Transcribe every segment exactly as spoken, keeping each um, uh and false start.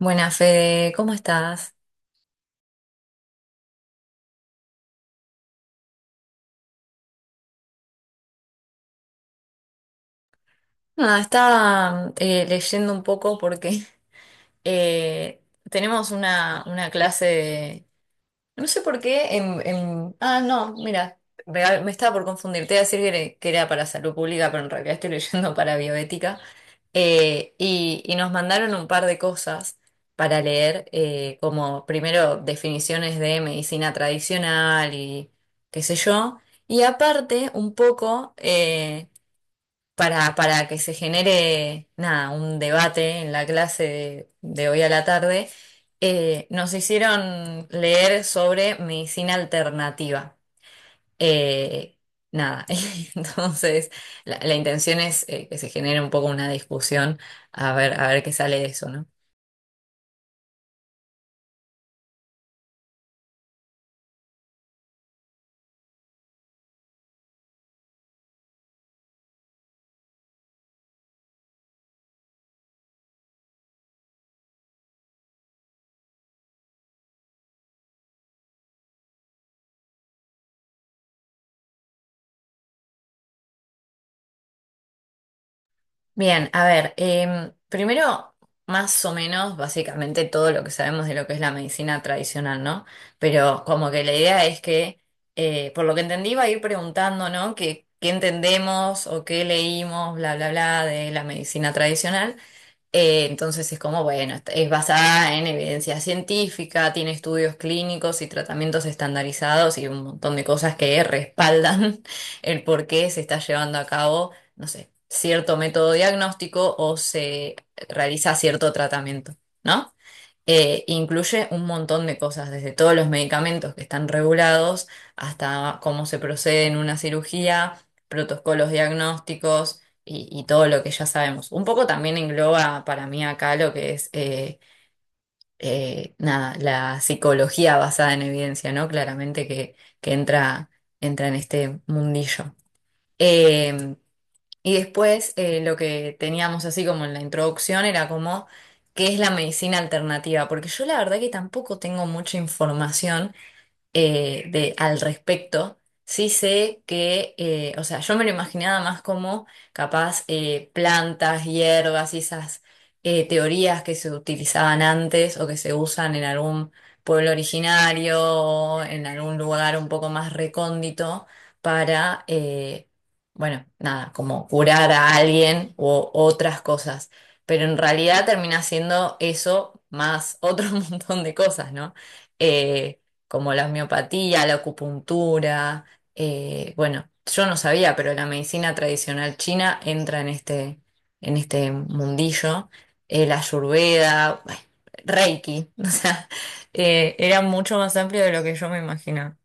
Buenas, Fede, ¿cómo estás? Nada, estaba eh, leyendo un poco porque eh, tenemos una, una clase de. No sé por qué en... en- Ah, no, mira, real- me estaba por confundir. Te iba a decir que era que era para salud pública, pero en realidad estoy leyendo para bioética. Eh, y, y nos mandaron un par de cosas para leer, eh, como primero definiciones de medicina tradicional y qué sé yo, y aparte un poco, eh, para, para que se genere, nada, un debate en la clase de, de hoy a la tarde, eh, nos hicieron leer sobre medicina alternativa. Eh, Nada, entonces la, la intención es eh, que se genere un poco una discusión, a ver, a ver qué sale de eso, ¿no? Bien, a ver, em, primero, más o menos, básicamente todo lo que sabemos de lo que es la medicina tradicional, ¿no? Pero como que la idea es que, eh, por lo que entendí, va a ir preguntando, ¿no? Que- ¿Qué, entendemos o qué leímos, bla, bla, bla, de la medicina tradicional? Eh, entonces es como, bueno, est- es basada en evidencia científica, tiene estudios clínicos y tratamientos estandarizados y un montón de cosas que respaldan el por qué se está llevando a cabo, no sé, cierto método diagnóstico o se realiza cierto tratamiento, ¿no? Eh, incluye un montón de cosas, desde todos los medicamentos que están regulados hasta cómo se procede en una cirugía, protocolos diagnósticos y, y todo lo que ya sabemos. Un poco también engloba para mí acá lo que es eh, eh, nada, la psicología basada en evidencia, ¿no? Claramente que, que entra, entra en este mundillo. Em, y después eh, lo que teníamos así como en la introducción era como qué es la medicina alternativa, porque yo la verdad que tampoco tengo mucha información eh, de, al respecto. Sí sé que, eh, o sea, yo me lo imaginaba más como capaz eh, plantas, hierbas y esas eh, teorías que se utilizaban antes o que se usan en algún pueblo originario o en algún lugar un poco más recóndito para, eh, bueno, nada, como curar a alguien o otras cosas. Pero en realidad termina siendo eso más otro montón de cosas, ¿no? Eh, Como la homeopatía, la acupuntura. Eh, bueno, yo no sabía, pero la medicina tradicional china entra en este, en este mundillo. Eh, la Ayurveda, bueno, Reiki, o sea, eh, era mucho más amplio de lo que yo me imaginaba.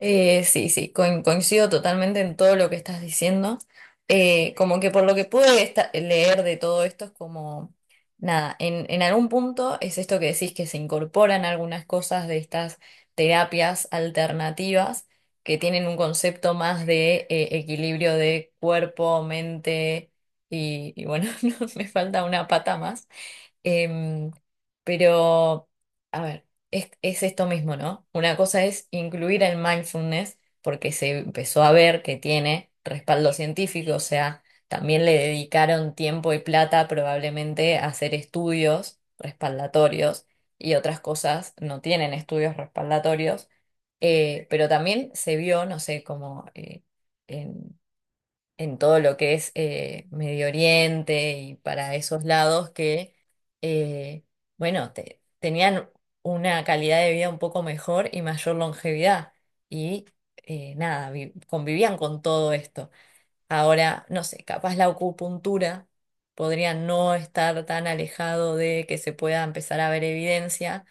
Eh, sí, sí, coin- coincido totalmente en todo lo que estás diciendo. Eh, como que por lo que pude esta- leer de todo esto es como, nada, en, en algún punto es esto que decís que se incorporan algunas cosas de estas terapias alternativas que tienen un concepto más de eh, equilibrio de cuerpo, mente y, y bueno, no, me falta una pata más. Em, pero, a ver, es, es esto mismo, ¿no? Una cosa es incluir el mindfulness porque se empezó a ver que tiene respaldo científico, o sea, también le dedicaron tiempo y plata probablemente a hacer estudios respaldatorios y otras cosas no tienen estudios respaldatorios, eh, pero también se vio, no sé, como, eh, en en todo lo que es eh, Medio Oriente y para esos lados que, eh, bueno, te- tenían una calidad de vida un poco mejor y mayor longevidad. Y eh, nada, vi- convivían con todo esto. Ahora, no sé, capaz la acupuntura podría no estar tan alejado de que se pueda empezar a ver evidencia,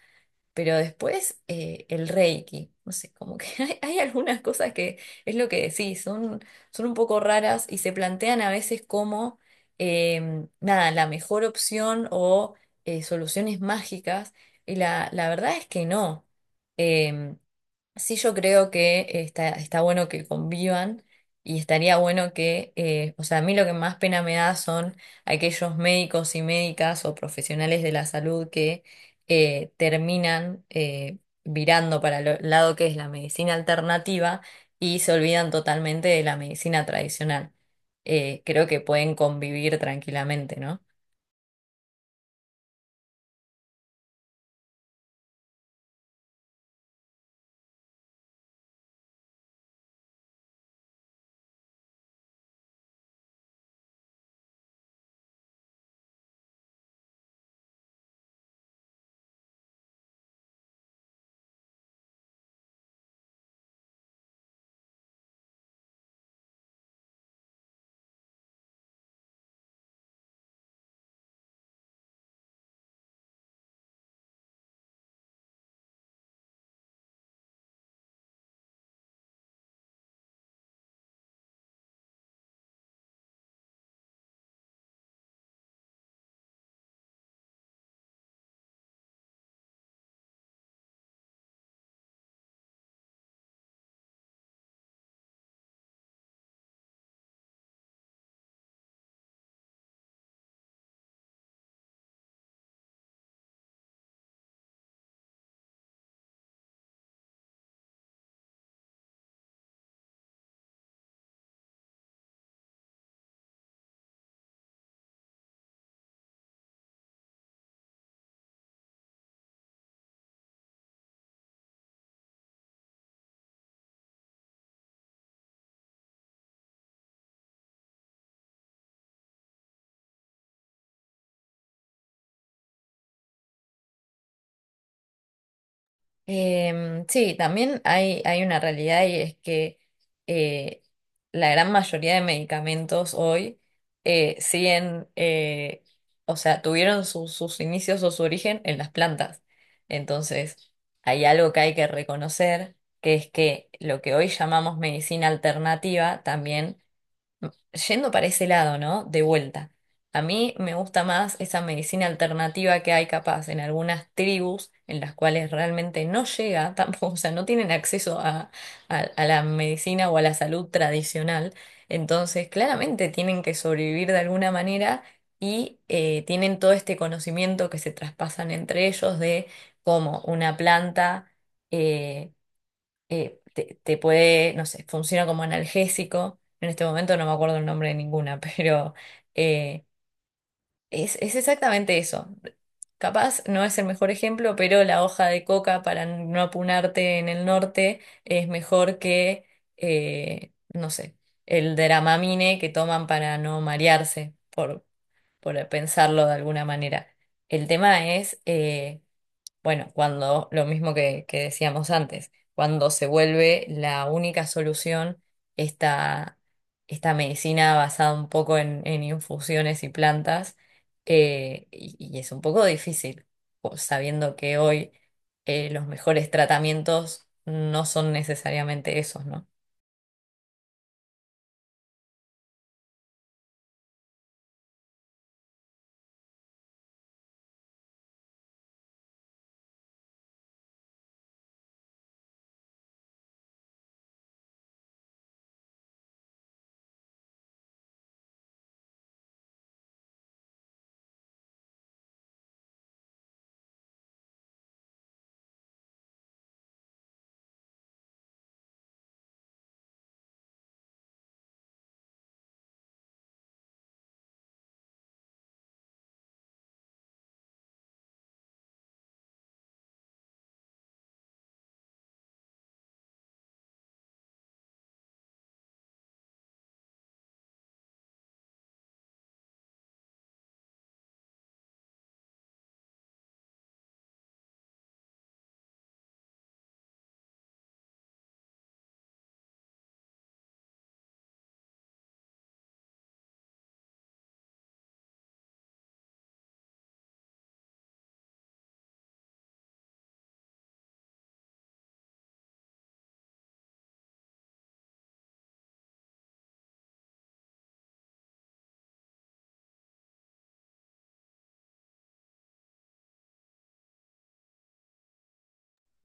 pero después eh, el Reiki, no sé, como que hay, hay algunas cosas que es lo que decís, son, son un poco raras y se plantean a veces como, em, nada, la mejor opción o eh, soluciones mágicas. Y la, la verdad es que no. Em, Sí, yo creo que está, está bueno que convivan y estaría bueno que, eh, o sea, a mí lo que más pena me da son aquellos médicos y médicas o profesionales de la salud que eh, terminan eh, virando para el lado que es la medicina alternativa y se olvidan totalmente de la medicina tradicional. Eh, creo que pueden convivir tranquilamente, ¿no? Em, sí, también hay, hay una realidad y es que eh, la gran mayoría de medicamentos hoy eh, siguen, eh, o sea, tuvieron sus sus inicios o su origen en las plantas. Entonces, hay algo que hay que reconocer, que es que lo que hoy llamamos medicina alternativa también, yendo para ese lado, ¿no? De vuelta. A mí me gusta más esa medicina alternativa que hay capaz en algunas tribus en las cuales realmente no llega tampoco, o sea, no tienen acceso a, a- a la medicina o a la salud tradicional. Entonces, claramente tienen que sobrevivir de alguna manera y eh, tienen todo este conocimiento que se traspasan entre ellos de cómo una planta eh, eh, te, te puede, no sé, funciona como analgésico. En este momento no me acuerdo el nombre de ninguna, pero eh, es, es exactamente eso. Capaz no es el mejor ejemplo, pero la hoja de coca para no apunarte en el norte es mejor que, eh, no sé, el Dramamine que toman para no marearse, por, por pensarlo de alguna manera. El tema es eh, bueno, cuando lo mismo que, que decíamos antes, cuando se vuelve la única solución esta, esta medicina basada un poco en, en, infusiones y plantas, eh, y, y es un poco difícil, o- sabiendo que hoy eh, los mejores tratamientos no son necesariamente esos, ¿no?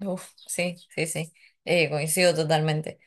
Uf, sí, sí, sí. Eh, coincido totalmente.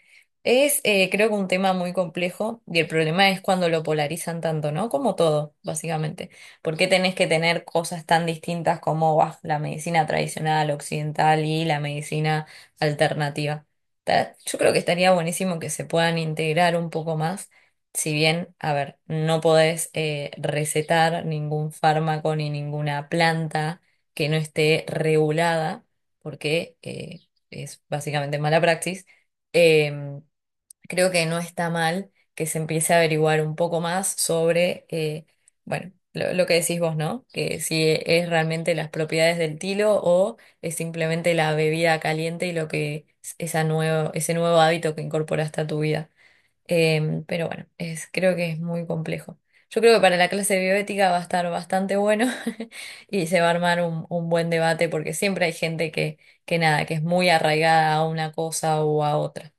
Es, eh, creo que un tema muy complejo y el problema es cuando lo polarizan tanto, ¿no? Como todo, básicamente. ¿Por qué tenés que tener cosas tan distintas como bah, la medicina tradicional occidental y la medicina alternativa? Ta- Yo creo que estaría buenísimo que se puedan integrar un poco más, si bien, a ver, no podés eh, recetar ningún fármaco ni ninguna planta que no esté regulada porque eh, es básicamente mala praxis, eh, creo que no está mal que se empiece a averiguar un poco más sobre, eh, bueno, lo, lo que decís vos, ¿no? Que si es realmente las propiedades del tilo o es simplemente la bebida caliente y lo que es esa nuevo, ese nuevo hábito que incorporaste a tu vida. Em, pero bueno, es, creo que es muy complejo. Yo creo que para la clase de bioética va a estar bastante bueno y se va a armar un, un buen debate porque siempre hay gente que, que nada, que es muy arraigada a una cosa o a otra.